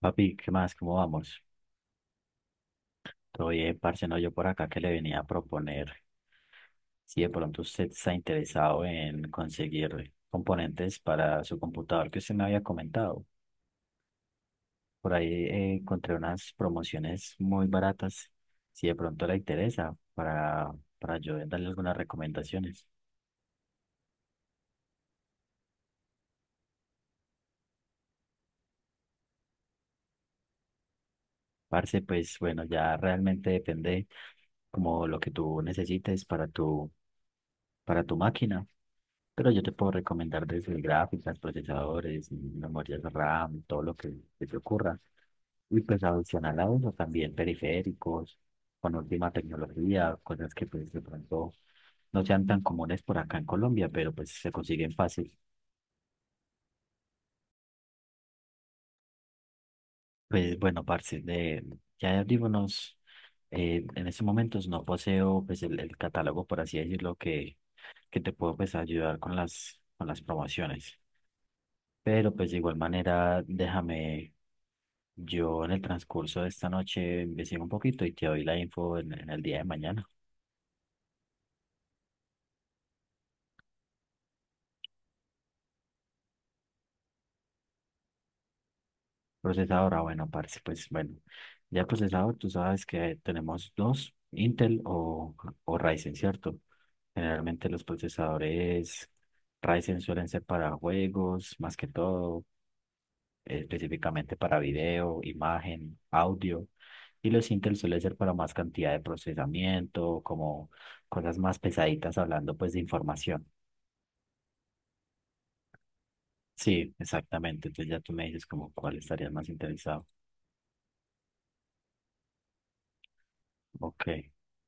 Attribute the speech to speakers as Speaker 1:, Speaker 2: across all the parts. Speaker 1: Papi, ¿qué más? ¿Cómo vamos? Todo bien, parce, no, yo por acá que le venía a proponer si de pronto usted está interesado en conseguir componentes para su computador que usted me había comentado. Por ahí encontré unas promociones muy baratas, si de pronto le interesa, para yo darle algunas recomendaciones. Parce, pues bueno, ya realmente depende como lo que tú necesites para tu máquina, pero yo te puedo recomendar desde gráficas, procesadores, memorias RAM, todo lo que se te ocurra. Y pues adicional a eso también periféricos, con última tecnología, cosas que pues de pronto no sean tan comunes por acá en Colombia, pero pues se consiguen fácil. Pues bueno, parce, ya de audífonos, en estos momentos no poseo pues el catálogo, por así decirlo, que te puedo pues ayudar con con las promociones. Pero pues de igual manera, déjame, yo en el transcurso de esta noche investigo un poquito y te doy la info en el día de mañana. Procesador, ah, bueno, parce, pues bueno, ya el procesador, tú sabes que tenemos dos, Intel o Ryzen, ¿cierto? Generalmente los procesadores Ryzen suelen ser para juegos, más que todo, específicamente para video, imagen, audio. Y los Intel suelen ser para más cantidad de procesamiento, como cosas más pesaditas hablando pues de información. Sí, exactamente. Entonces ya tú me dices como cuál estarías más interesado. Ok,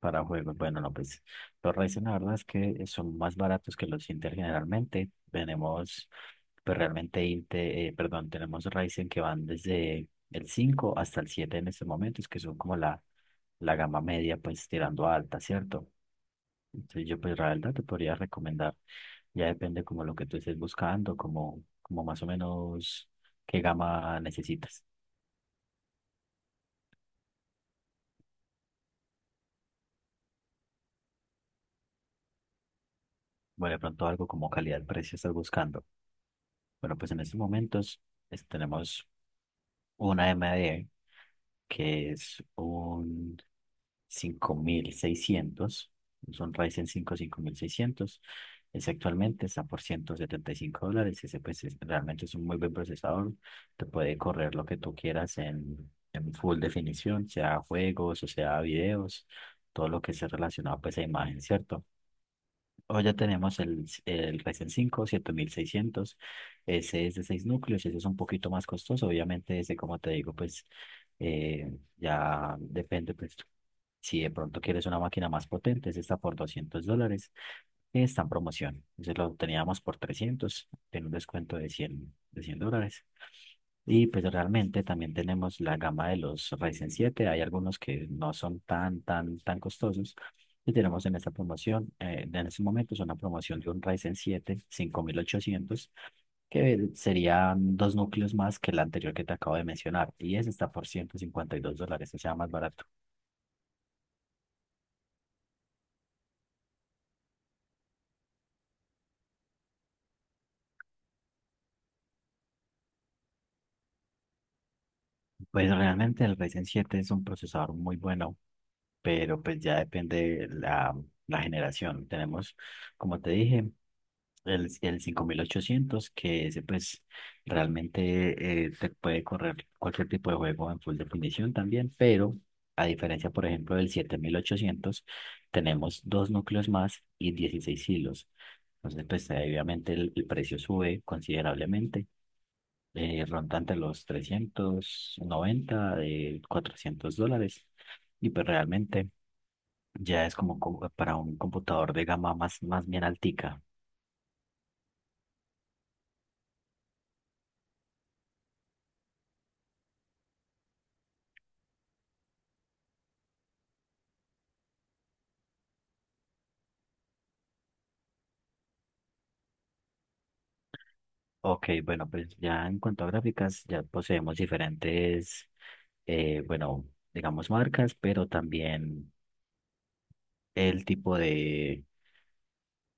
Speaker 1: para juegos. Bueno, no, pues los Ryzen la verdad es que son más baratos que los Intel generalmente. Tenemos, pues realmente perdón, tenemos Ryzen que van desde el 5 hasta el 7 en estos momentos, que son como la gama media, pues tirando a alta, ¿cierto? Entonces yo pues la verdad te podría recomendar, ya depende como lo que tú estés buscando, como más o menos qué gama necesitas. Bueno, de pronto algo como calidad-precio estás buscando. Bueno, pues en estos momentos tenemos una M D que es un 5600, es un Ryzen cinco cinco mil seiscientos. Ese actualmente está por 175 dólares. Ese pues realmente es un muy buen procesador. Te puede correr lo que tú quieras en full definición, sea juegos o sea videos, todo lo que sea relacionado pues a imagen, ¿cierto? Hoy ya tenemos el Ryzen cinco siete mil seiscientos. Ese es de 6 núcleos, ese es un poquito más costoso, obviamente ese, como te digo, pues ya depende, pues si de pronto quieres una máquina más potente, ese está por 200 dólares, está en promoción, ese lo teníamos por trescientos, tiene un descuento de 100 dólares, y pues realmente también tenemos la gama de los Ryzen 7. Hay algunos que no son tan costosos. Y tenemos en esta promoción, en este momento es una promoción de un Ryzen 7 5800, que serían dos núcleos más que el anterior que te acabo de mencionar. Y ese está por 152 dólares, o sea, más barato. Pues realmente el Ryzen 7 es un procesador muy bueno, pero pues ya depende la generación. Tenemos, como te dije, el cinco mil ochocientos, que ese pues realmente te puede correr cualquier tipo de juego en full definición también, pero a diferencia, por ejemplo, del siete mil ochocientos, tenemos dos núcleos más y 16 hilos. Entonces, pues obviamente el precio sube considerablemente, ronda entre los 390, de 400 dólares. Y pues realmente ya es como para un computador de gama más, más bien altica. Ok, bueno, pues ya en cuanto a gráficas, ya poseemos diferentes, bueno, digamos marcas, pero también el tipo de,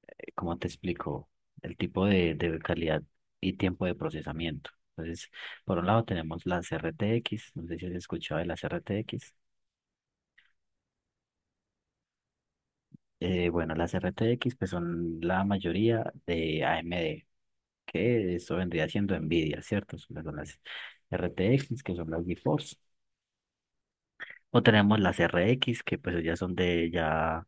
Speaker 1: ¿cómo te explico? El tipo de calidad y tiempo de procesamiento. Entonces, por un lado tenemos las RTX, no sé si has escuchado de las RTX. Bueno, las RTX pues son la mayoría de AMD, que eso vendría siendo NVIDIA, ¿cierto? Son las RTX, que son las GeForce. O tenemos las RX, que pues ya son de ya,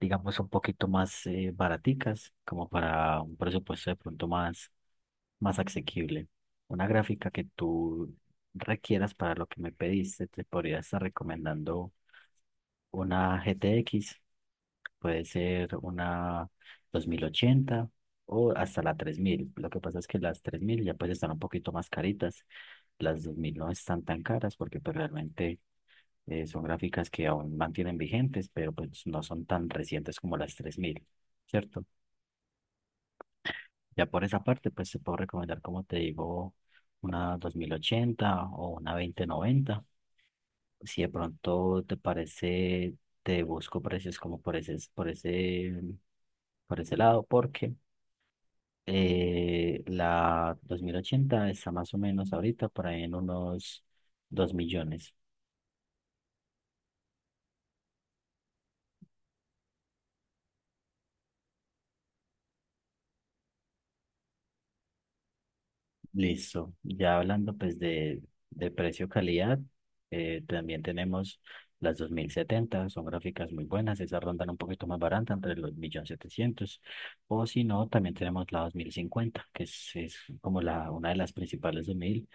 Speaker 1: digamos, un poquito más baraticas, como para un presupuesto de pronto más, más asequible. Una gráfica que tú requieras para lo que me pediste, te podría estar recomendando una GTX. Puede ser una 2080 o hasta la tres mil. Lo que pasa es que las 3000 ya pues están un poquito más caritas. Las 2000 no están tan caras porque pues realmente son gráficas que aún mantienen vigentes, pero pues no son tan recientes como las 3000, ¿cierto? Ya por esa parte pues te puedo recomendar, como te digo, una 2080 o una dos mil noventa. Si de pronto te parece, te busco precios como por ese, por ese por ese lado porque... la 2080 está más o menos ahorita por ahí en unos 2 millones. Listo. Ya hablando pues de precio-calidad, también tenemos las dos mil setenta, son gráficas muy buenas, esas rondan un poquito más barata, entre los 1.700.000. O si no, también tenemos la dos mil cincuenta, que es como una de las principales de mil,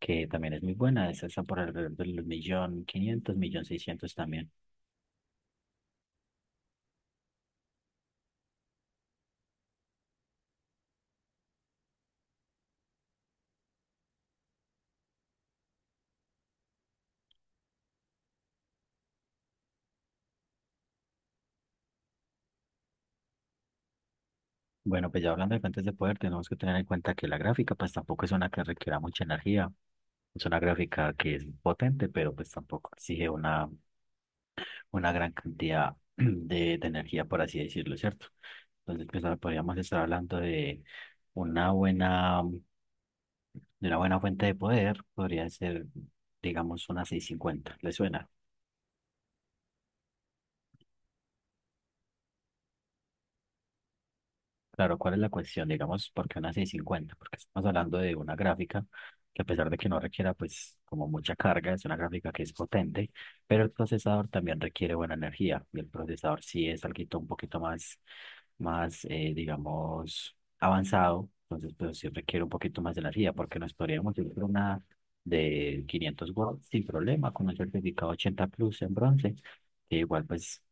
Speaker 1: que también es muy buena, esa está por alrededor de los 1.500.000, 1.600.000 también. Bueno, pues ya hablando de fuentes de poder, tenemos que tener en cuenta que la gráfica pues tampoco es una que requiera mucha energía. Es una gráfica que es potente, pero pues tampoco exige una gran cantidad de energía, por así decirlo, ¿cierto? Entonces, pues ahora podríamos estar hablando de una buena, de una buena fuente de poder, podría ser, digamos, una 650. ¿Le suena? Claro, ¿cuál es la cuestión? Digamos, ¿por qué una 650? Porque estamos hablando de una gráfica que, a pesar de que no requiera pues como mucha carga, es una gráfica que es potente, pero el procesador también requiere buena energía y el procesador sí es algo un poquito más, más digamos, avanzado, entonces pues sí requiere un poquito más de energía, porque nos podríamos ir por una de 500 watts sin problema con un certificado 80 Plus en bronce, que igual pues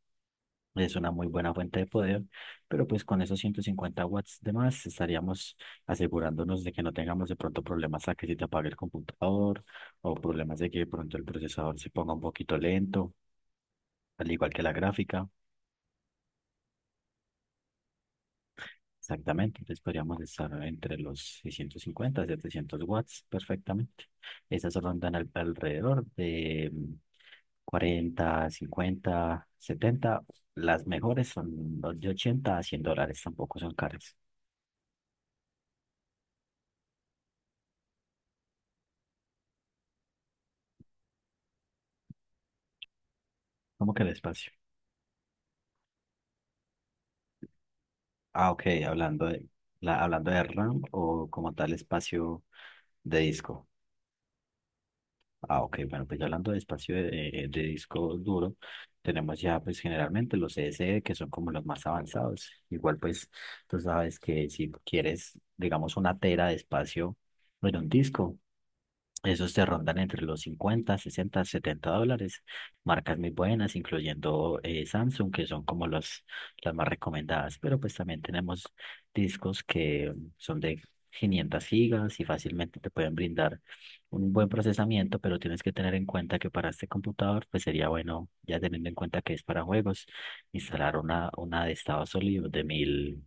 Speaker 1: es una muy buena fuente de poder, pero pues con esos 150 watts de más estaríamos asegurándonos de que no tengamos de pronto problemas a que se te apague el computador o problemas de que de pronto el procesador se ponga un poquito lento, al igual que la gráfica. Exactamente, entonces podríamos estar entre los 650 y 700 watts perfectamente. Esas rondan alrededor de 40, 50, 70. Las mejores son los de 80 a 100 dólares, tampoco son caras. ¿Cómo que el espacio? Ah, ok, hablando hablando de RAM o como tal espacio de disco. Ah, ok, bueno, pues hablando de espacio de disco duro, tenemos ya pues generalmente los SSD, que son como los más avanzados. Igual pues tú sabes que si quieres, digamos, una tera de espacio en un disco, esos te rondan entre los 50, 60, 70 dólares. Marcas muy buenas, incluyendo Samsung, que son como las más recomendadas. Pero pues también tenemos discos que son de 500 gigas y fácilmente te pueden brindar un buen procesamiento, pero tienes que tener en cuenta que para este computador, pues sería bueno, ya teniendo en cuenta que es para juegos, instalar una de estado sólido de mil,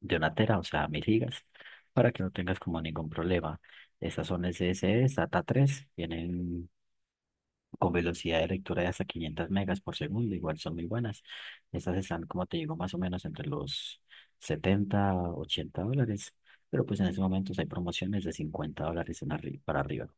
Speaker 1: de una tera, o sea, mil gigas, para que no tengas como ningún problema. Estas son SSD, SATA 3, vienen con velocidad de lectura de hasta 500 megas por segundo, igual son muy buenas. Estas están, como te digo, más o menos entre los 70 80 dólares, pero pues en estos momentos hay promociones de 50 dólares en para arriba.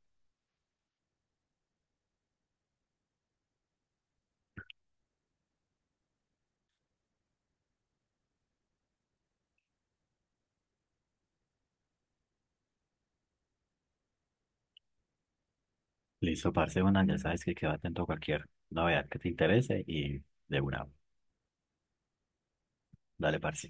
Speaker 1: Listo, parce, bueno, ya sabes que quedo atento a cualquier novedad que te interese y de una, dale, parce.